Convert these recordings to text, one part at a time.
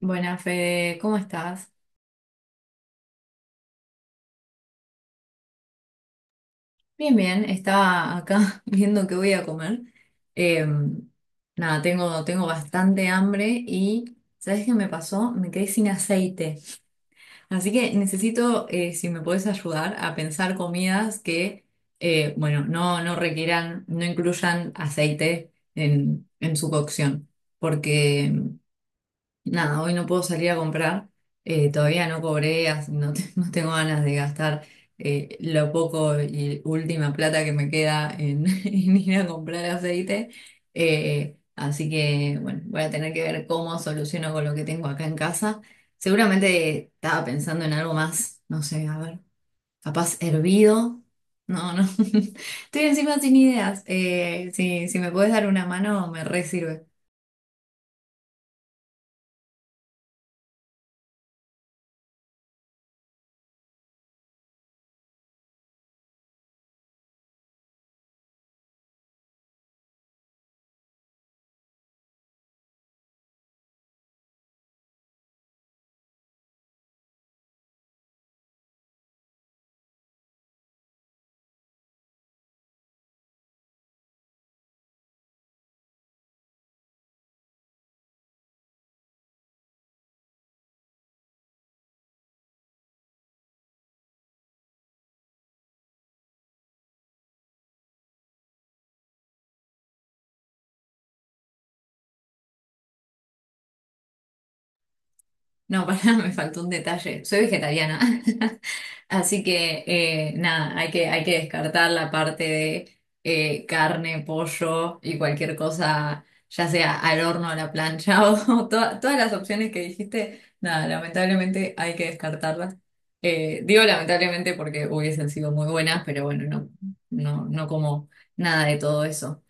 Buenas, Fede, ¿cómo estás? Bien, bien, estaba acá viendo qué voy a comer. Eh, nada, tengo bastante hambre y ¿sabes qué me pasó? Me quedé sin aceite. Así que necesito, si me podés ayudar, a pensar comidas que, eh, bueno, no, no requieran, no incluyan aceite en su cocción. Porque nada, hoy no puedo salir a comprar, todavía no cobré, así no, no tengo ganas de gastar, lo poco y última plata que me queda en ir a comprar aceite. Así que bueno, voy a tener que ver cómo soluciono con lo que tengo acá en casa. Seguramente estaba pensando en algo más, no sé, a ver, capaz hervido. No, no, estoy encima sin ideas. Si me puedes dar una mano, me re sirve. No, para, me faltó un detalle. Soy vegetariana. Así que nada, hay que descartar la parte de carne, pollo y cualquier cosa, ya sea al horno, a la plancha o todas las opciones que dijiste. Nada, lamentablemente hay que descartarlas. Digo lamentablemente porque hubiesen sido muy buenas, pero bueno, no como nada de todo eso.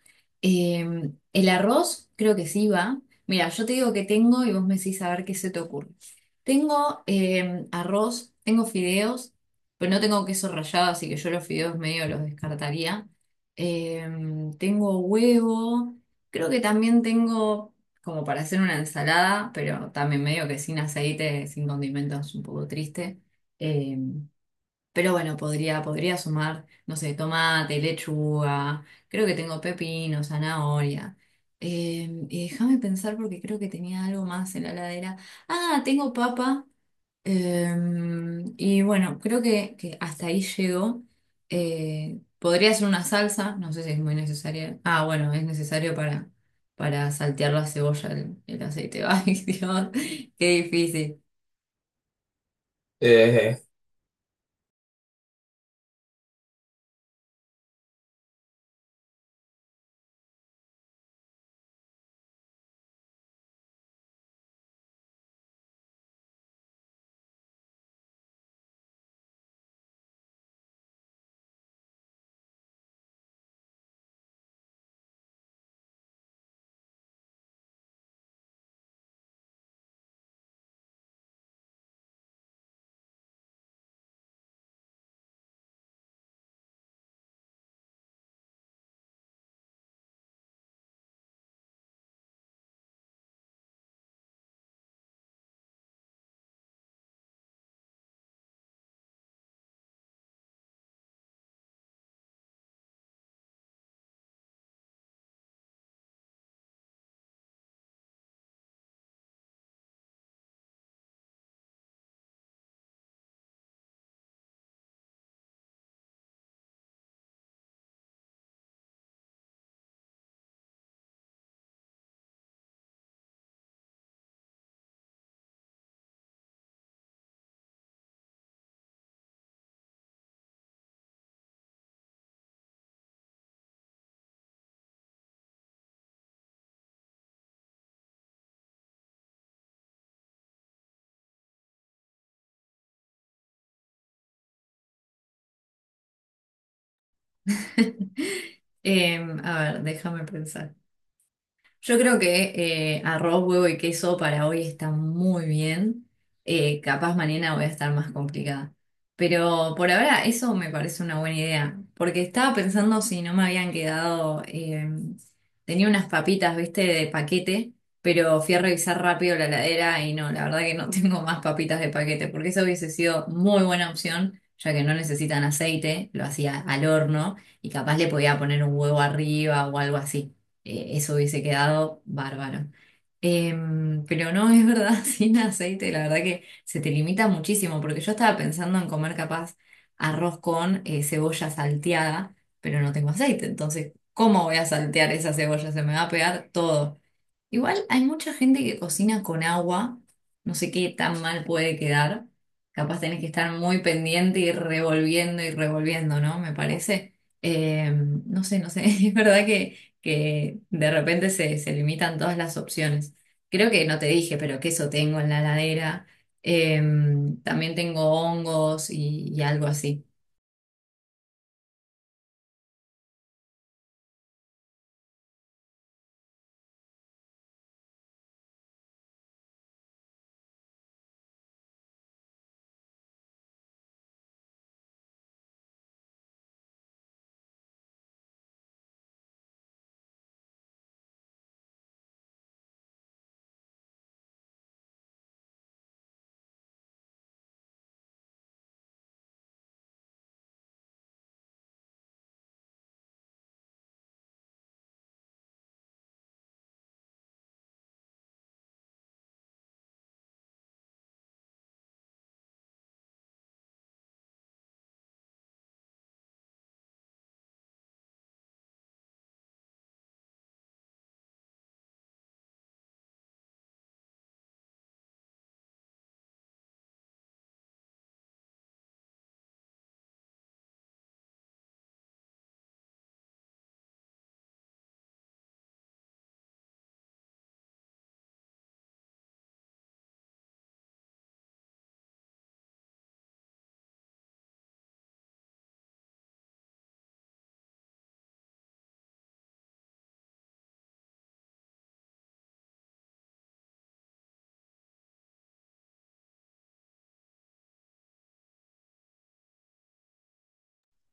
Eh, el arroz creo que sí va. Mira, yo te digo que tengo y vos me decís a ver qué se te ocurre. Tengo arroz, tengo fideos, pero no tengo queso rallado, así que yo los fideos medio los descartaría. Eh, tengo huevo, creo que también tengo como para hacer una ensalada, pero también medio que sin aceite, sin condimentos, un poco triste. Eh, pero bueno, podría sumar, no sé, tomate, lechuga, creo que tengo pepino, zanahoria. Y déjame pensar porque creo que tenía algo más en la heladera. Ah, tengo papa. Y bueno, creo que hasta ahí llegó. Podría ser una salsa, no sé si es muy necesaria. Ah, bueno, es necesario para saltear la cebolla, el aceite. Ay, Dios, qué difícil. Eh, a ver, déjame pensar. Yo creo que arroz, huevo y queso para hoy está muy bien. Capaz mañana voy a estar más complicada. Pero por ahora eso me parece una buena idea. Porque estaba pensando si no me habían quedado, tenía unas papitas, viste, de paquete, pero fui a revisar rápido la heladera y no, la verdad que no tengo más papitas de paquete. Porque eso hubiese sido muy buena opción, ya que no necesitan aceite, lo hacía al horno y capaz le podía poner un huevo arriba o algo así, eso hubiese quedado bárbaro. Pero no, es verdad, sin aceite, la verdad que se te limita muchísimo, porque yo estaba pensando en comer capaz arroz con cebolla salteada, pero no tengo aceite, entonces, ¿cómo voy a saltear esa cebolla? Se me va a pegar todo. Igual hay mucha gente que cocina con agua, no sé qué tan mal puede quedar, capaz tenés que estar muy pendiente y revolviendo, ¿no? Me parece. No sé, no sé, es verdad que de repente se limitan todas las opciones. Creo que no te dije, pero queso tengo en la heladera. También tengo hongos y algo así.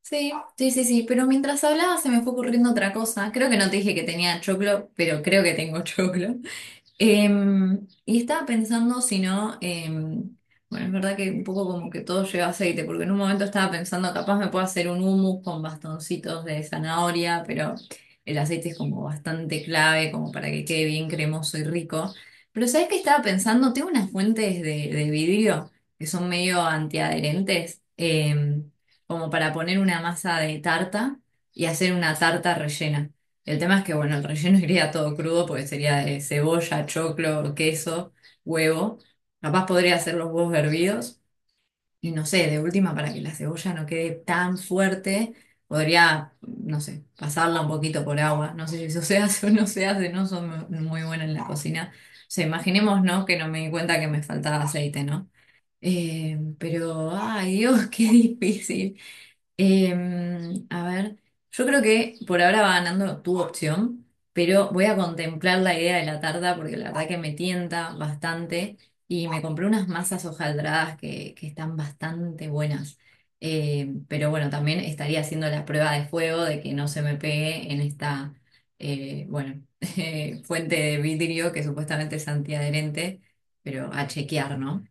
Sí, sí, sí, sí, pero mientras hablaba se me fue ocurriendo otra cosa. Creo que no te dije que tenía choclo, pero creo que tengo choclo. Y estaba pensando si no, bueno, es verdad que un poco como que todo lleva aceite, porque en un momento estaba pensando, capaz me puedo hacer un hummus con bastoncitos de zanahoria, pero el aceite es como bastante clave, como para que quede bien cremoso y rico. Pero ¿sabes qué estaba pensando? Tengo unas fuentes de vidrio que son medio antiadherentes, como para poner una masa de tarta y hacer una tarta rellena. El tema es que bueno, el relleno iría todo crudo porque sería de cebolla, choclo, queso, huevo. Capaz podría hacer los huevos hervidos y no sé, de última para que la cebolla no quede tan fuerte, podría, no sé, pasarla un poquito por agua. No sé si eso se hace o no se hace, no soy muy buena en la cocina. O sea, imaginemos, ¿no? Que no me di cuenta que me faltaba aceite, ¿no? Pero, ay Dios, qué difícil. A ver, yo creo que por ahora va ganando tu opción, pero voy a contemplar la idea de la tarta porque la verdad que me tienta bastante y me compré unas masas hojaldradas que están bastante buenas. Pero bueno, también estaría haciendo la prueba de fuego de que no se me pegue en esta, bueno, fuente de vidrio que supuestamente es antiadherente, pero a chequear, ¿no?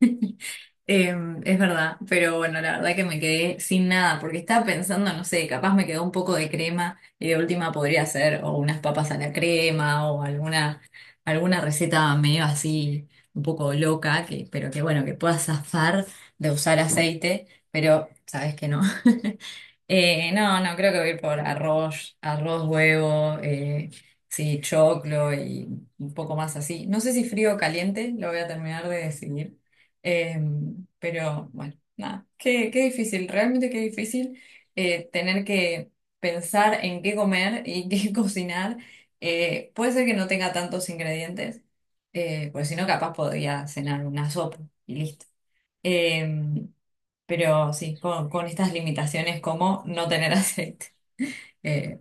Es verdad, pero bueno, la verdad que me quedé sin nada, porque estaba pensando, no sé, capaz me quedó un poco de crema y de última podría hacer o unas papas a la crema o alguna receta medio así, un poco loca, que, pero que bueno, que pueda zafar de usar aceite, pero sabes que no. No, no, creo que voy a ir por arroz, arroz, huevo, sí, choclo y un poco más así. No sé si frío o caliente, lo voy a terminar de decidir. Eh, pero bueno, nada, qué, qué difícil, realmente qué difícil tener que pensar en qué comer y qué cocinar. Puede ser que no tenga tantos ingredientes, porque si no, capaz podría cenar una sopa y listo. Em, pero sí, con estas limitaciones como no tener aceite. Eh,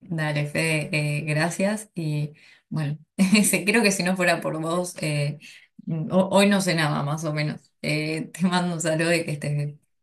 dale, Fede, gracias. Y bueno, sí, creo que si no fuera por vos, hoy no cenaba más o menos. Te mando un saludo y que estés bien.